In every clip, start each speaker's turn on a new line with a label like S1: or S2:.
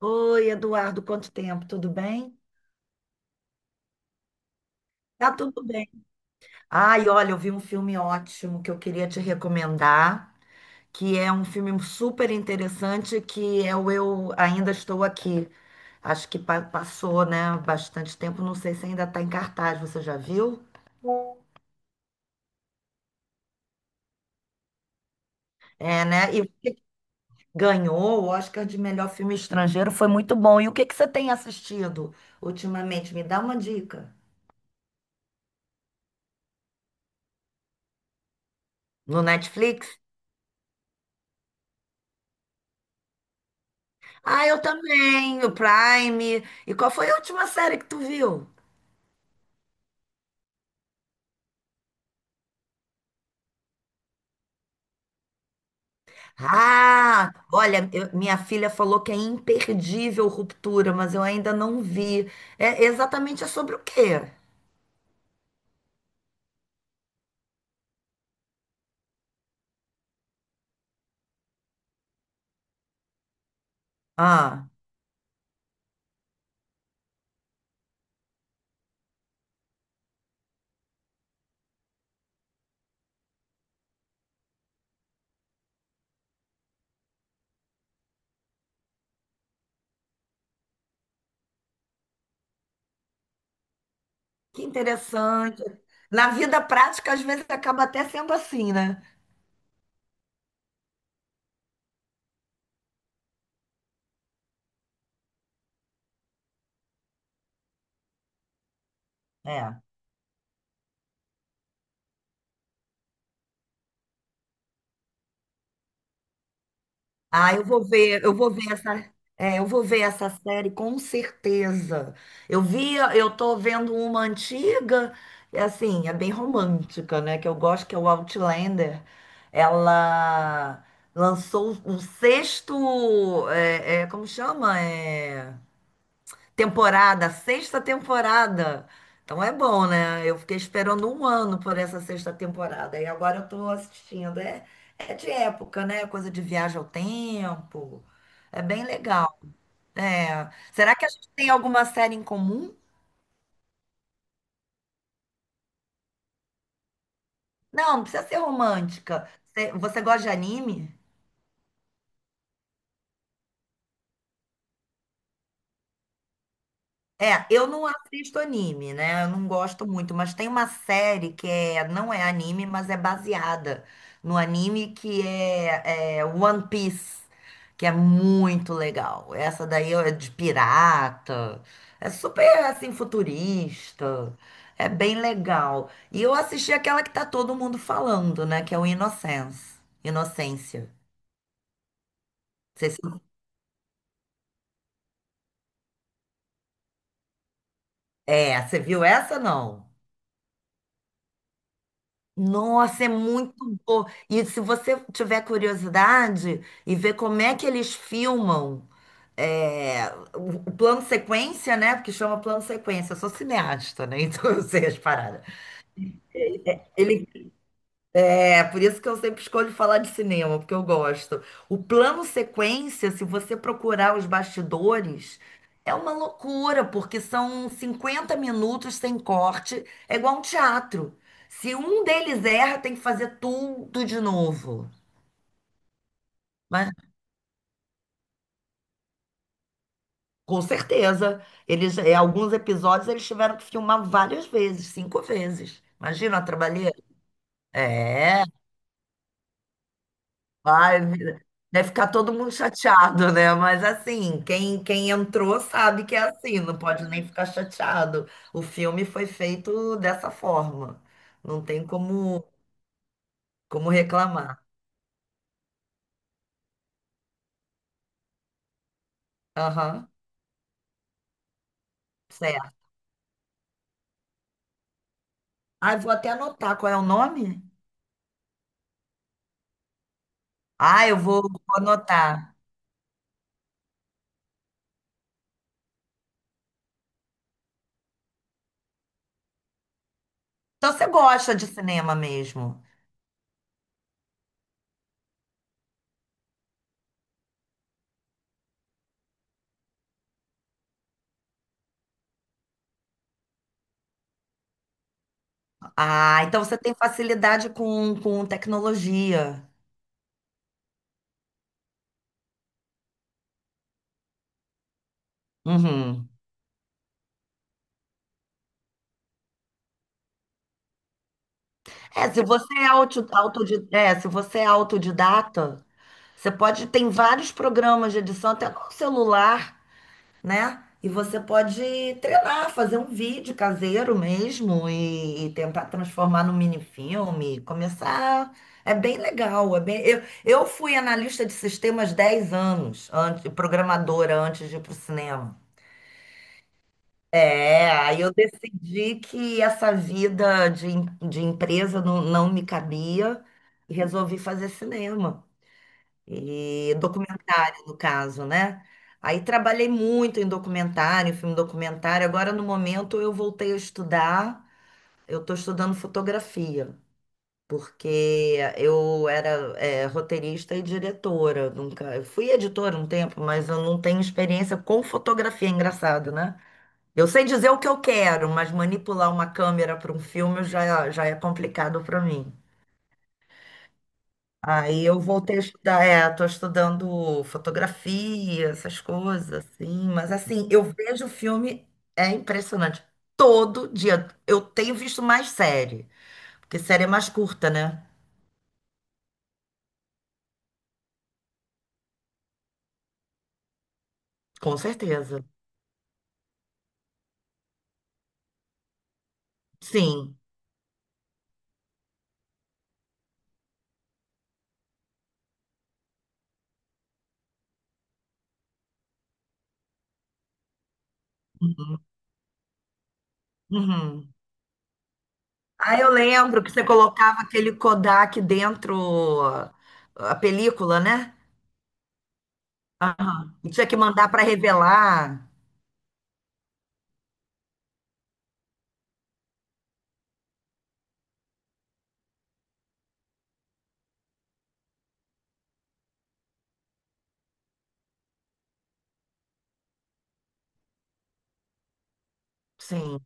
S1: Oi, Eduardo, quanto tempo? Tudo bem? Tá tudo bem. Ai, olha, eu vi um filme ótimo que eu queria te recomendar, que é um filme super interessante, que é o Eu Ainda Estou Aqui. Acho que passou, né, bastante tempo, não sei se ainda está em cartaz, você já viu? É, né? E o que que ganhou o Oscar de melhor filme estrangeiro, foi muito bom. E o que que você tem assistido ultimamente? Me dá uma dica. No Netflix? Ah, eu também, o Prime. E qual foi a última série que tu viu? Ah, olha, minha filha falou que é imperdível Ruptura, mas eu ainda não vi. É exatamente é sobre o quê? Ah, que interessante. Na vida prática, às vezes acaba até sendo assim, né? É. Ah, eu vou ver essa série com certeza. Eu tô vendo uma antiga, é assim, é bem romântica, né? Que eu gosto, que é o Outlander. Ela lançou o sexto, como chama? Temporada, sexta temporada. Então é bom, né? Eu fiquei esperando um ano por essa sexta temporada. E agora eu tô assistindo. É de época, né? Coisa de viagem ao tempo. É bem legal. É. Será que a gente tem alguma série em comum? Não, não precisa ser romântica. Você gosta de anime? É, eu não assisto anime, né? Eu não gosto muito, mas tem uma série que não é anime, mas é baseada no anime que é One Piece, que é muito legal. Essa daí é de pirata, é super assim futurista, é bem legal. E eu assisti aquela que tá todo mundo falando, né? Que é o Innocence, Inocência. Não sei se- É, você viu essa não? Nossa, é muito bom. E se você tiver curiosidade e ver como é que eles filmam é, o plano sequência, né? Porque chama plano sequência, eu sou cineasta, né? Então eu sei as paradas. Ele é por isso que eu sempre escolho falar de cinema, porque eu gosto. O plano sequência, se você procurar os bastidores, é uma loucura, porque são 50 minutos sem corte, é igual um teatro. Se um deles erra, tem que fazer tudo de novo. Mas, com certeza, eles, é, alguns episódios eles tiveram que filmar várias vezes, 5 vezes. Imagina a trabalheira. É. Vai, vira- deve ficar todo mundo chateado, né? Mas assim, quem, quem entrou sabe que é assim, não pode nem ficar chateado. O filme foi feito dessa forma. Não tem como, como reclamar. Aham, certo. Ah, eu vou até anotar qual é o nome. Ah, vou anotar. Então você gosta de cinema mesmo. Ah, então você tem facilidade com tecnologia. Uhum. É, se você é autodi- autodi- é, se você é autodidata, você pode, tem vários programas de edição até no celular, né? E você pode treinar, fazer um vídeo caseiro mesmo e tentar transformar num minifilme, começar. É bem legal, é bem... eu fui analista de sistemas 10 anos, antes, programadora antes de ir para o cinema. É, aí eu decidi que essa vida de empresa não, não me cabia e resolvi fazer cinema. E documentário, no caso, né? Aí trabalhei muito em documentário, filme documentário. Agora, no momento, eu voltei a estudar. Eu estou estudando fotografia, porque eu era, é, roteirista e diretora. Nunca, eu fui editora um tempo, mas eu não tenho experiência com fotografia. Engraçado, né? Eu sei dizer o que eu quero, mas manipular uma câmera para um filme já é complicado para mim. Aí eu voltei a estudar, é, tô estudando fotografia, essas coisas, assim, mas assim, eu vejo filme, é impressionante. Todo dia. Eu tenho visto mais série, porque série é mais curta, né? Com certeza. Sim. Uhum. Uhum. Ah, eu lembro que você colocava aquele Kodak dentro ó, a película, né? Aham. E tinha que mandar para revelar. Sim.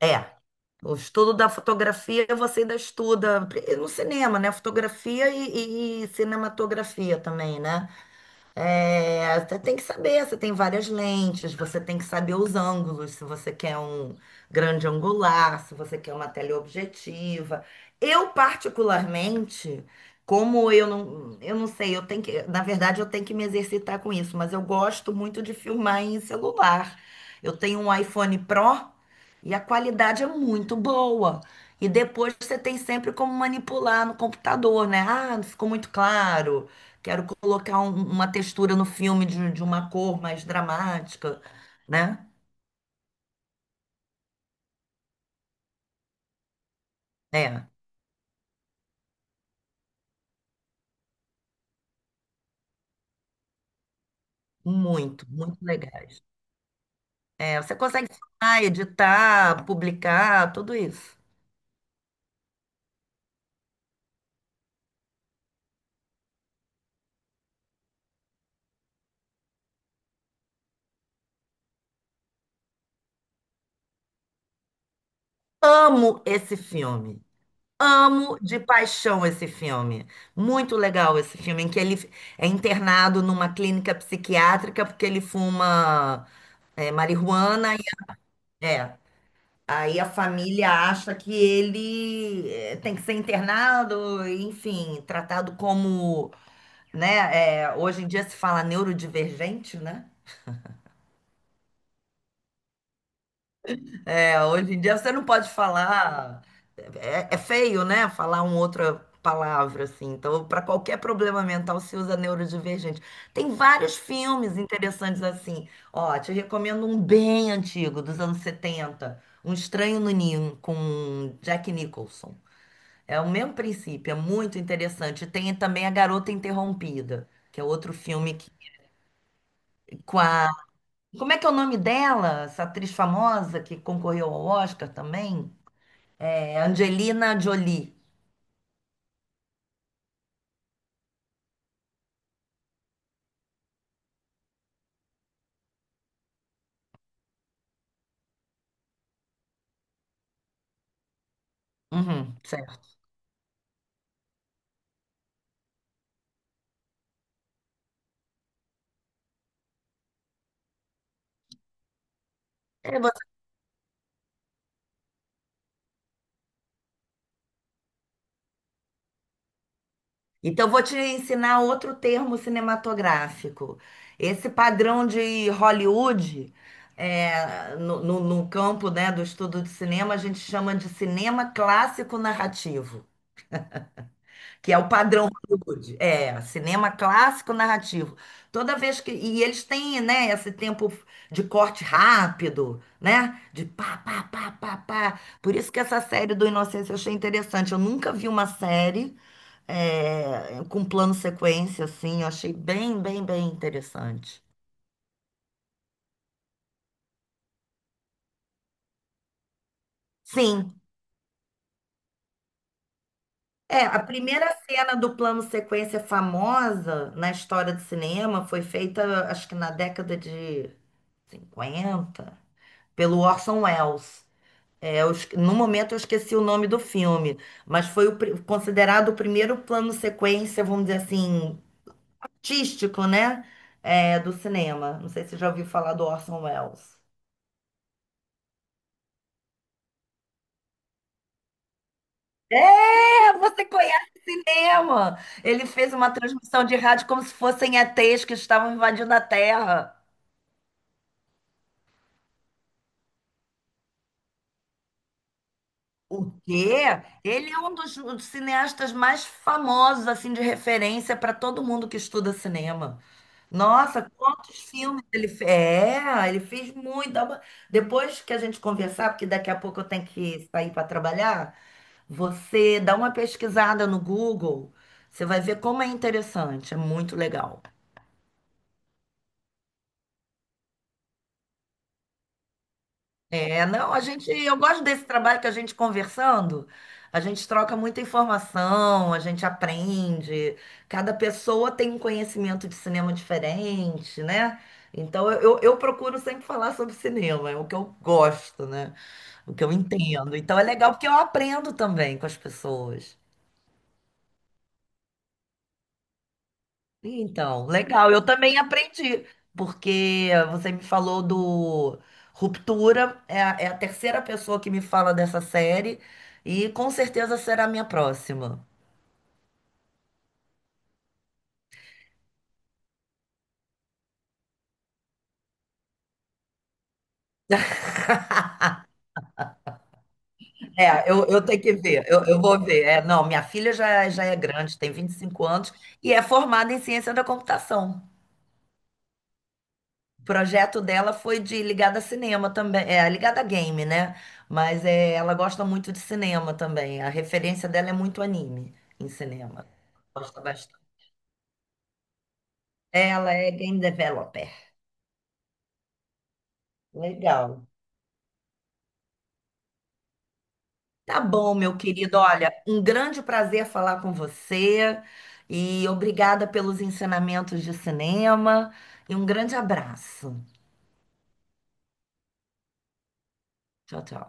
S1: É. O estudo da fotografia você ainda estuda no cinema, né? Fotografia e cinematografia também, né? É, você tem que saber, você tem várias lentes, você tem que saber os ângulos, se você quer um grande angular, se você quer uma teleobjetiva. Eu, particularmente, como eu não sei, eu tenho que me exercitar com isso, mas eu gosto muito de filmar em celular. Eu tenho um iPhone Pro e a qualidade é muito boa. E depois você tem sempre como manipular no computador, né? Ah, não ficou muito claro. Quero colocar uma textura no filme de uma cor mais dramática, né? É, muito, muito legais. É, você consegue filmar, editar, publicar, tudo isso. Amo esse filme. Amo de paixão esse filme. Muito legal esse filme, em que ele é internado numa clínica psiquiátrica porque ele fuma é, marihuana. É. Aí a família acha que ele eh, tem que ser internado, enfim, tratado como, né? Eh, hoje em dia se fala neurodivergente, né? É, hoje em dia você não pode falar, é, é feio, né? Falar uma outra palavra assim. Então, para qualquer problema mental se usa neurodivergente. Tem vários filmes interessantes assim. Ó, te recomendo um bem antigo, dos anos 70, Um Estranho no Ninho, com Jack Nicholson. É o mesmo princípio, é muito interessante. Tem também A Garota Interrompida, que é outro filme com a. Como é que é o nome dela? Essa atriz famosa que concorreu ao Oscar também? É Angelina Jolie. Uhum, certo. É, você- Então, eu vou te ensinar outro termo cinematográfico. Esse padrão de Hollywood, é, no campo, né, do estudo de cinema, a gente chama de cinema clássico narrativo. Que é o padrão Hollywood. É, cinema clássico narrativo. Toda vez que. E eles têm, né, esse tempo de corte rápido, né? De pá, pá, pá, pá, pá. Por isso que essa série do Inocência eu achei interessante. Eu nunca vi uma série é, com plano sequência, assim. Eu achei bem, bem, bem interessante. Sim. É, a primeira cena do plano sequência famosa na história do cinema foi feita, acho que na década de 50 pelo Orson Welles. É, no momento eu esqueci o nome do filme, mas foi o considerado o primeiro plano sequência, vamos dizer assim, artístico, né? É, do cinema. Não sei se você já ouviu falar do Orson Welles. É, você conhece cinema! Ele fez uma transmissão de rádio como se fossem ETs que estavam invadindo a Terra. O quê? Ele é um dos cineastas mais famosos, assim, de referência para todo mundo que estuda cinema. Nossa, quantos filmes ele fez? É, ele fez muito. Dá uma- Depois que a gente conversar, porque daqui a pouco eu tenho que sair para trabalhar, você dá uma pesquisada no Google, você vai ver como é interessante, é muito legal. É, não, a gente, eu gosto desse trabalho que a gente conversando, a gente troca muita informação, a gente aprende, cada pessoa tem um conhecimento de cinema diferente, né? Então eu procuro sempre falar sobre cinema, é o que eu gosto, né? O que eu entendo. Então é legal porque eu aprendo também com as pessoas. Então, legal. Eu também aprendi, porque você me falou do Ruptura, é a terceira pessoa que me fala dessa série, e com certeza será a minha próxima. É, eu tenho que ver, eu vou ver. É, não, minha filha já é grande, tem 25 anos, e é formada em ciência da computação. O projeto dela foi de ligada a cinema também, é ligada a game, né? Mas é, ela gosta muito de cinema também. A referência dela é muito anime em cinema. Gosta bastante. Ela é game developer. Legal. Tá bom, meu querido. Olha, um grande prazer falar com você e obrigada pelos ensinamentos de cinema e um grande abraço. Tchau, tchau.